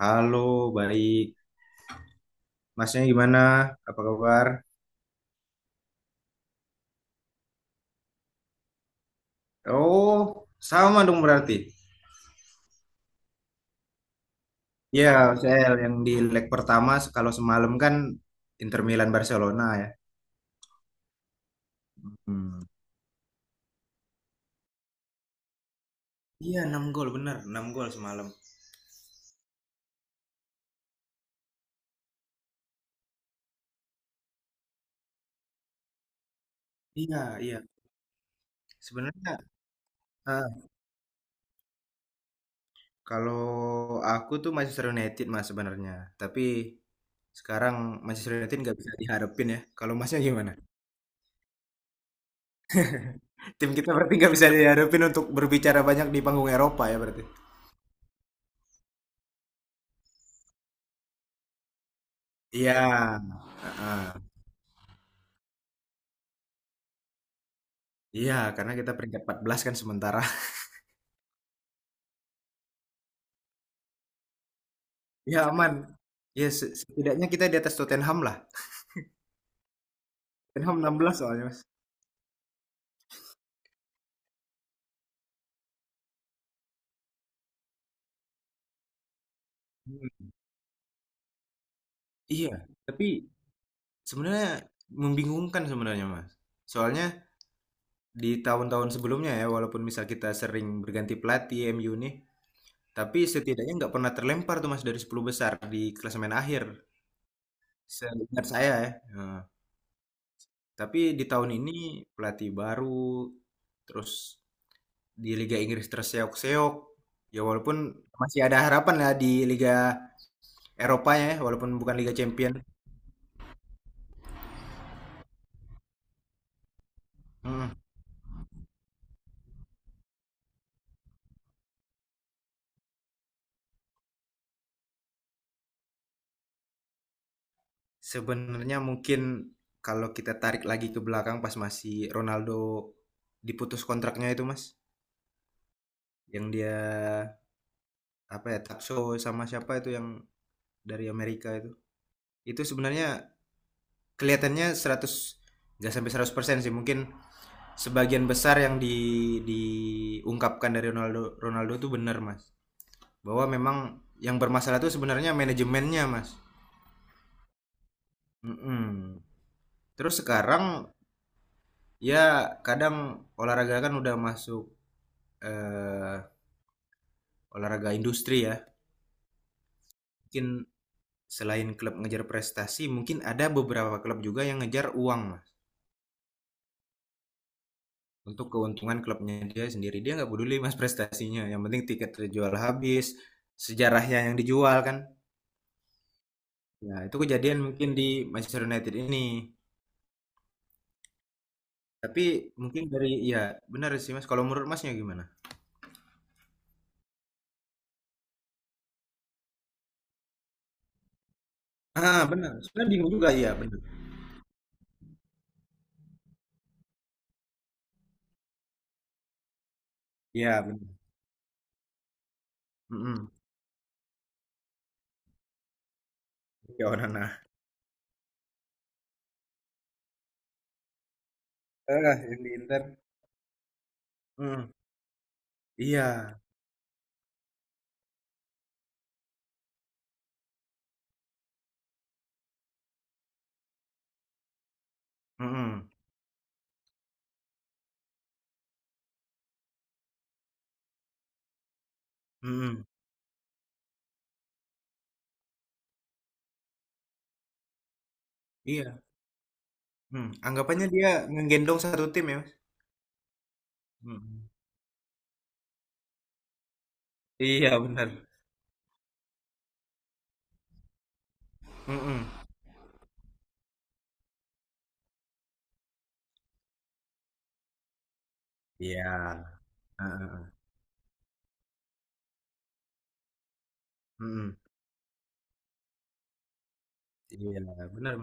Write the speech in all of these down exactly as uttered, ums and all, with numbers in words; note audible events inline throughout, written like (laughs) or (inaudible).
Halo, baik. Masnya gimana? Apa kabar? Oh, sama dong berarti. Ya, saya yang di leg pertama kalau semalam kan Inter Milan Barcelona ya. Hmm. Iya, enam gol bener, enam gol semalam. Iya, iya. Sebenarnya ah, kalau aku tuh Manchester United mas sebenarnya, tapi sekarang Manchester United nggak bisa diharapin ya. Kalau masnya gimana? Tim kita berarti nggak bisa diharapin untuk berbicara banyak di panggung Eropa ya berarti. Iya. Heeh. Iya, karena kita peringkat empat belas kan sementara. (laughs) Ya aman. Ya se- setidaknya kita di atas Tottenham lah. Tottenham enam belas soalnya, Mas. Hmm. Iya, tapi sebenarnya membingungkan sebenarnya, Mas. Soalnya di tahun-tahun sebelumnya ya, walaupun misal kita sering berganti pelatih M U nih, tapi setidaknya nggak pernah terlempar tuh Mas dari sepuluh besar di klasemen akhir. Seingat saya ya. Nah, tapi di tahun ini pelatih baru, terus di Liga Inggris terseok-seok. Ya walaupun masih ada harapan lah di Liga Eropa ya, walaupun bukan Liga Champion. Hmm. Sebenarnya mungkin kalau kita tarik lagi ke belakang pas masih Ronaldo diputus kontraknya itu mas, yang dia apa ya Takso sama siapa itu yang dari Amerika itu. Itu sebenarnya kelihatannya seratus, nggak sampai seratus persen sih mungkin sebagian besar yang di diungkapkan dari Ronaldo Ronaldo itu benar mas bahwa memang yang bermasalah itu sebenarnya manajemennya mas. Mm-mm. Terus sekarang ya kadang olahraga kan udah masuk eh, olahraga industri ya mungkin selain klub ngejar prestasi mungkin ada beberapa klub juga yang ngejar uang mas untuk keuntungan klubnya dia sendiri dia nggak peduli mas prestasinya yang penting tiket terjual habis sejarahnya yang dijual kan ya itu kejadian mungkin di Manchester United ini tapi mungkin dari ya benar sih mas kalau menurut masnya gimana. Ah, benar sebenarnya bingung juga, iya benar iya bener, mhm, iya onana, heeh, yang di intern, mhm, iya, mhm, mhm, iya, mhm, anggapannya dia ngegendong satu tim ya, Mas? Mhm, iya bener, mhm, iya, heeh heeh, mhm, iya benar benar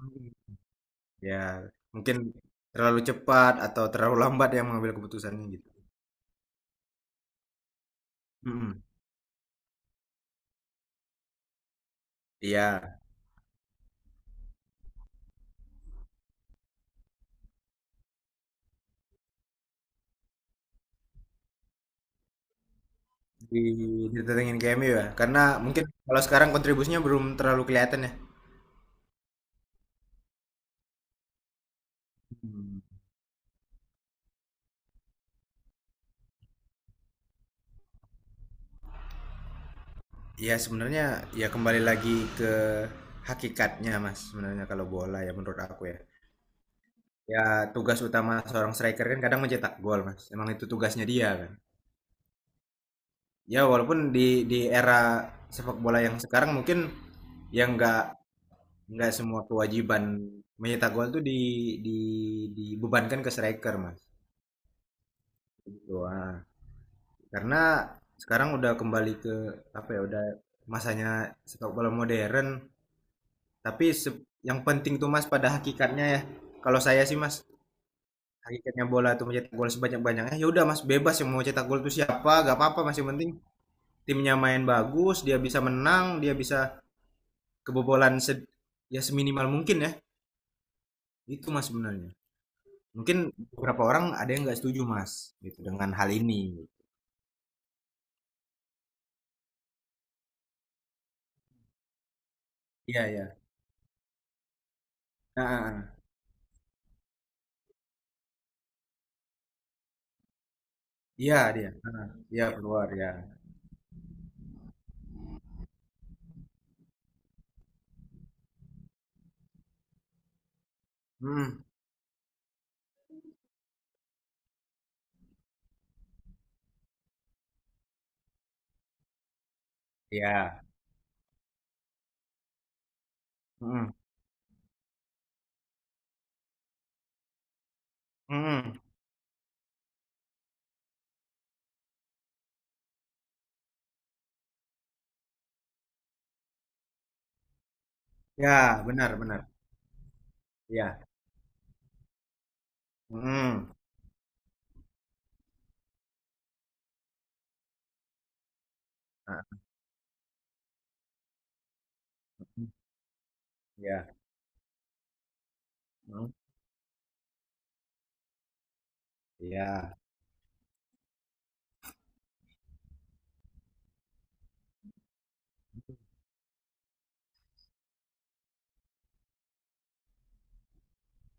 mhm, iya mungkin terlalu cepat atau terlalu lambat yang mengambil keputusannya gitu, mhm, iya di didatengin ke M U ya karena mungkin kalau sekarang kontribusinya belum terlalu kelihatan ya, mhm. Ya sebenarnya ya kembali lagi ke hakikatnya Mas sebenarnya kalau bola ya menurut aku ya. Ya tugas utama seorang striker kan kadang mencetak gol Mas. Emang itu tugasnya dia kan. Ya walaupun di di era sepak bola yang sekarang mungkin yang nggak nggak semua kewajiban mencetak gol tuh di, di dibebankan ke striker Mas. Gitu, ah. Karena sekarang udah kembali ke apa ya udah masanya sepak bola modern. Tapi se- yang penting tuh Mas pada hakikatnya ya. Kalau saya sih Mas, hakikatnya bola itu mencetak gol sebanyak-banyaknya. Ya udah Mas, bebas yang mau cetak gol itu siapa, gak apa-apa Mas. Yang penting timnya main bagus, dia bisa menang, dia bisa kebobolan se- ya seminimal mungkin ya. Itu Mas sebenarnya. Mungkin beberapa orang ada yang nggak setuju Mas gitu dengan hal ini. Iya, iya. Nah, ah, ah. Iya dia. Nah, iya keluar ya. Hmm, iya. Hmm, hmm. Ya, benar, benar. Iya. Hmm. Nah, iya. Mhm, iya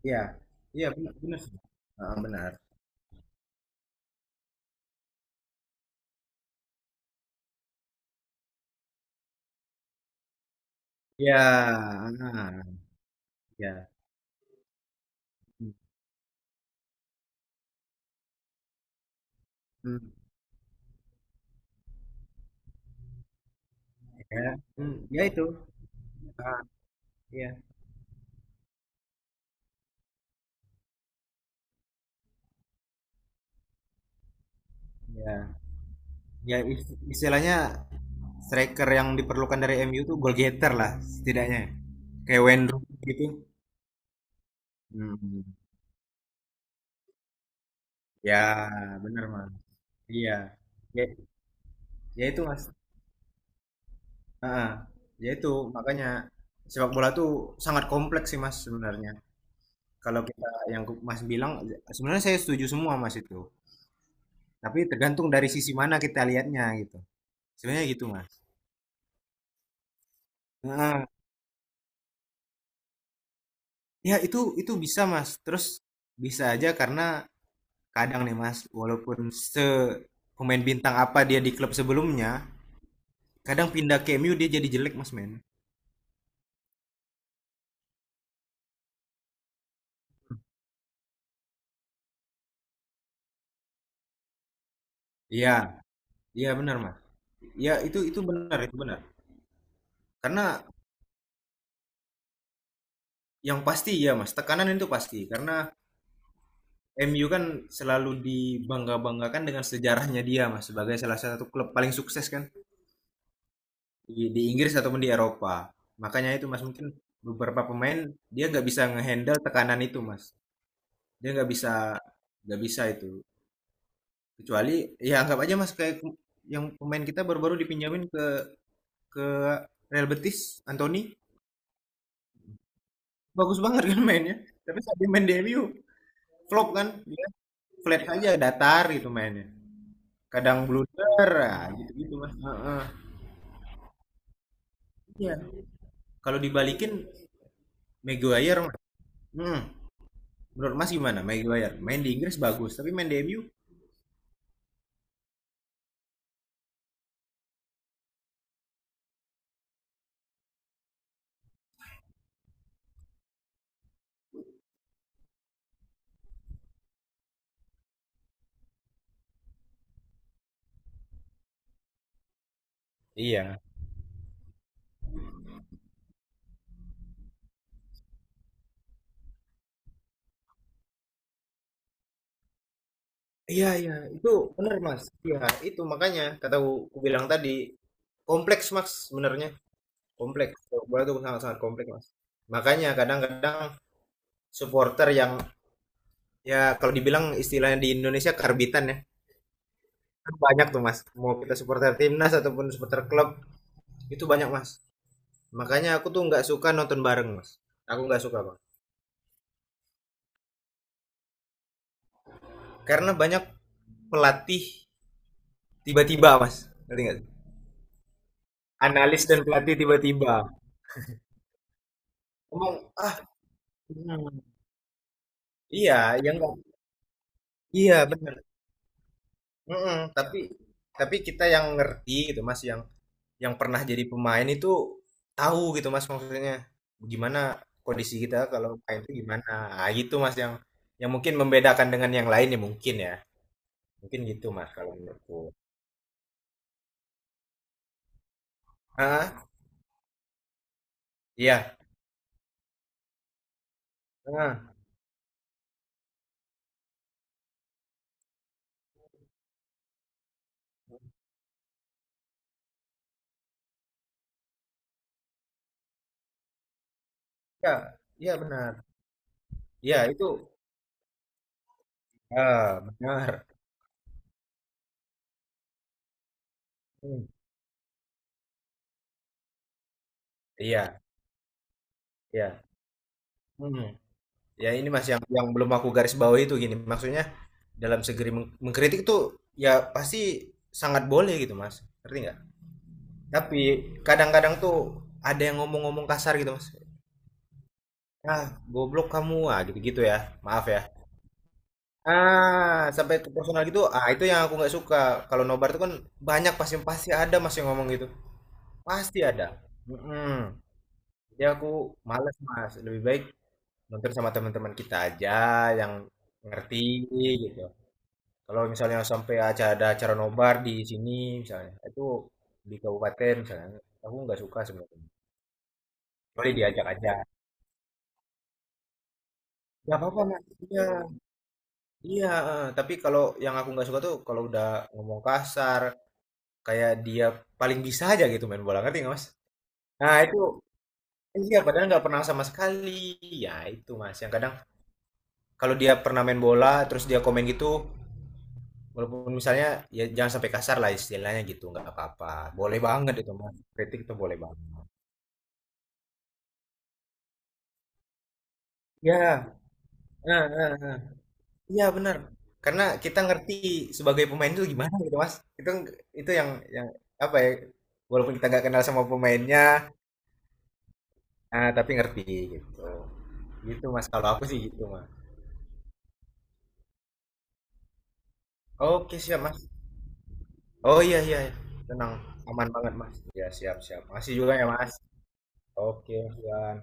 iya iya benar bener sih, heeh, benar. Ya, heeh, iya, mhm, iya, mmm, ya itu, heeh, ya, iya, ya is istilahnya striker yang diperlukan dari M U tuh goal getter lah setidaknya, kayak Wayne Rooney gitu, mhm, ya benar Mas, iya, ya ya itu Mas, heeh, ya itu makanya sepak bola tuh sangat kompleks sih Mas sebenarnya, kalau kita yang Mas bilang sebenarnya saya setuju semua Mas itu. Tapi tergantung dari sisi mana kita lihatnya gitu. Sebenarnya gitu, Mas. Heeh. Ya itu itu bisa, Mas. Terus bisa aja karena kadang nih, Mas, walaupun se pemain bintang apa dia di klub sebelumnya, kadang pindah ke M U dia jadi jelek, Mas, men. Iya, iya benar, Mas. Iya, itu itu benar, itu benar. Karena yang pasti ya, Mas, tekanan itu pasti karena M U kan selalu dibangga-banggakan dengan sejarahnya dia, Mas, sebagai salah satu klub paling sukses kan. di, di Inggris ataupun di Eropa. Makanya itu Mas mungkin beberapa pemain dia nggak bisa ngehandle tekanan itu Mas. Dia nggak bisa nggak bisa itu. Kecuali ya anggap aja Mas kayak kem- yang pemain kita baru-baru dipinjamin ke ke Real Betis, Anthony. Bagus banget kan mainnya. Tapi saat dia main di M U flop kan dia flat aja datar gitu mainnya. Kadang blunder ah, gitu-gitu Mas. Heeh. Iya. Kalau dibalikin Maguire Mas. Hmm, menurut Mas gimana? Maguire main di Inggris bagus, tapi main di M U. Iya. Iya, iya. Itu benar, Mas. Iya, itu makanya kata ku, ku bilang tadi kompleks, Mas, sebenarnya. Kompleks. Sepak bola itu sangat-sangat kompleks, Mas. Makanya kadang-kadang supporter yang ya kalau dibilang istilahnya di Indonesia karbitan ya. Kan banyak tuh, Mas. Mau kita supporter timnas ataupun supporter klub, itu banyak, Mas. Makanya aku tuh nggak suka nonton bareng, Mas. Aku nggak suka, Bang. Karena banyak pelatih tiba-tiba, Mas. Ngerti nggak sih? Analis dan pelatih tiba-tiba. Ngomong, ah, Iya, yang iya benar. Mm-mm, tapi tapi kita yang ngerti gitu Mas, yang yang pernah jadi pemain itu tahu gitu Mas maksudnya gimana kondisi kita kalau main itu gimana. Ah, gitu Mas yang yang mungkin membedakan dengan yang lain ya mungkin ya. Mungkin gitu Mas kalau menurutku. Ah, iya. Ah, iya, iya benar. Iya, itu ah, benar. Hmm, iya, iya. Hmm. Ya ini Mas yang yang belum aku garis bawahi itu gini. Maksudnya dalam segeri meng- mengkritik tuh ya pasti sangat boleh gitu mas ngerti nggak tapi kadang-kadang tuh ada yang ngomong-ngomong kasar gitu mas ah goblok kamu ah gitu gitu ya maaf ya ah sampai ke personal gitu ah itu yang aku nggak suka kalau nobar tuh kan banyak pasti pasti ada mas yang ngomong gitu pasti ada. Mm-mm. Jadi aku males mas lebih baik nonton sama teman-teman kita aja yang ngerti gitu. Kalau misalnya sampai aja ada acara nobar di sini misalnya, itu di kabupaten misalnya, aku nggak suka sebenarnya. Boleh diajak aja. Nggak apa-apa, Mas. Iya, iya. eh. Tapi kalau yang aku nggak suka tuh kalau udah ngomong kasar, kayak dia paling bisa aja gitu main bola, ngerti nggak, Mas? Nah, itu iya padahal nggak pernah sama sekali. Ya, itu Mas. Yang kadang kalau dia pernah main bola terus dia komen gitu, walaupun misalnya ya jangan sampai kasar lah istilahnya gitu, nggak apa-apa. Boleh banget itu, Mas. Kritik itu boleh banget. Ya, Nah, iya benar. Karena kita ngerti sebagai pemain itu gimana gitu Mas. Itu itu yang yang apa ya? Walaupun kita nggak kenal sama pemainnya, ah, tapi ngerti gitu. Gitu Mas. Kalau aku sih gitu Mas. Oke siap Mas. Oh iya iya. Iya. Tenang, aman banget Mas. Ya siap siap. Masih juga ya Mas. Oke, Mas. Iwan.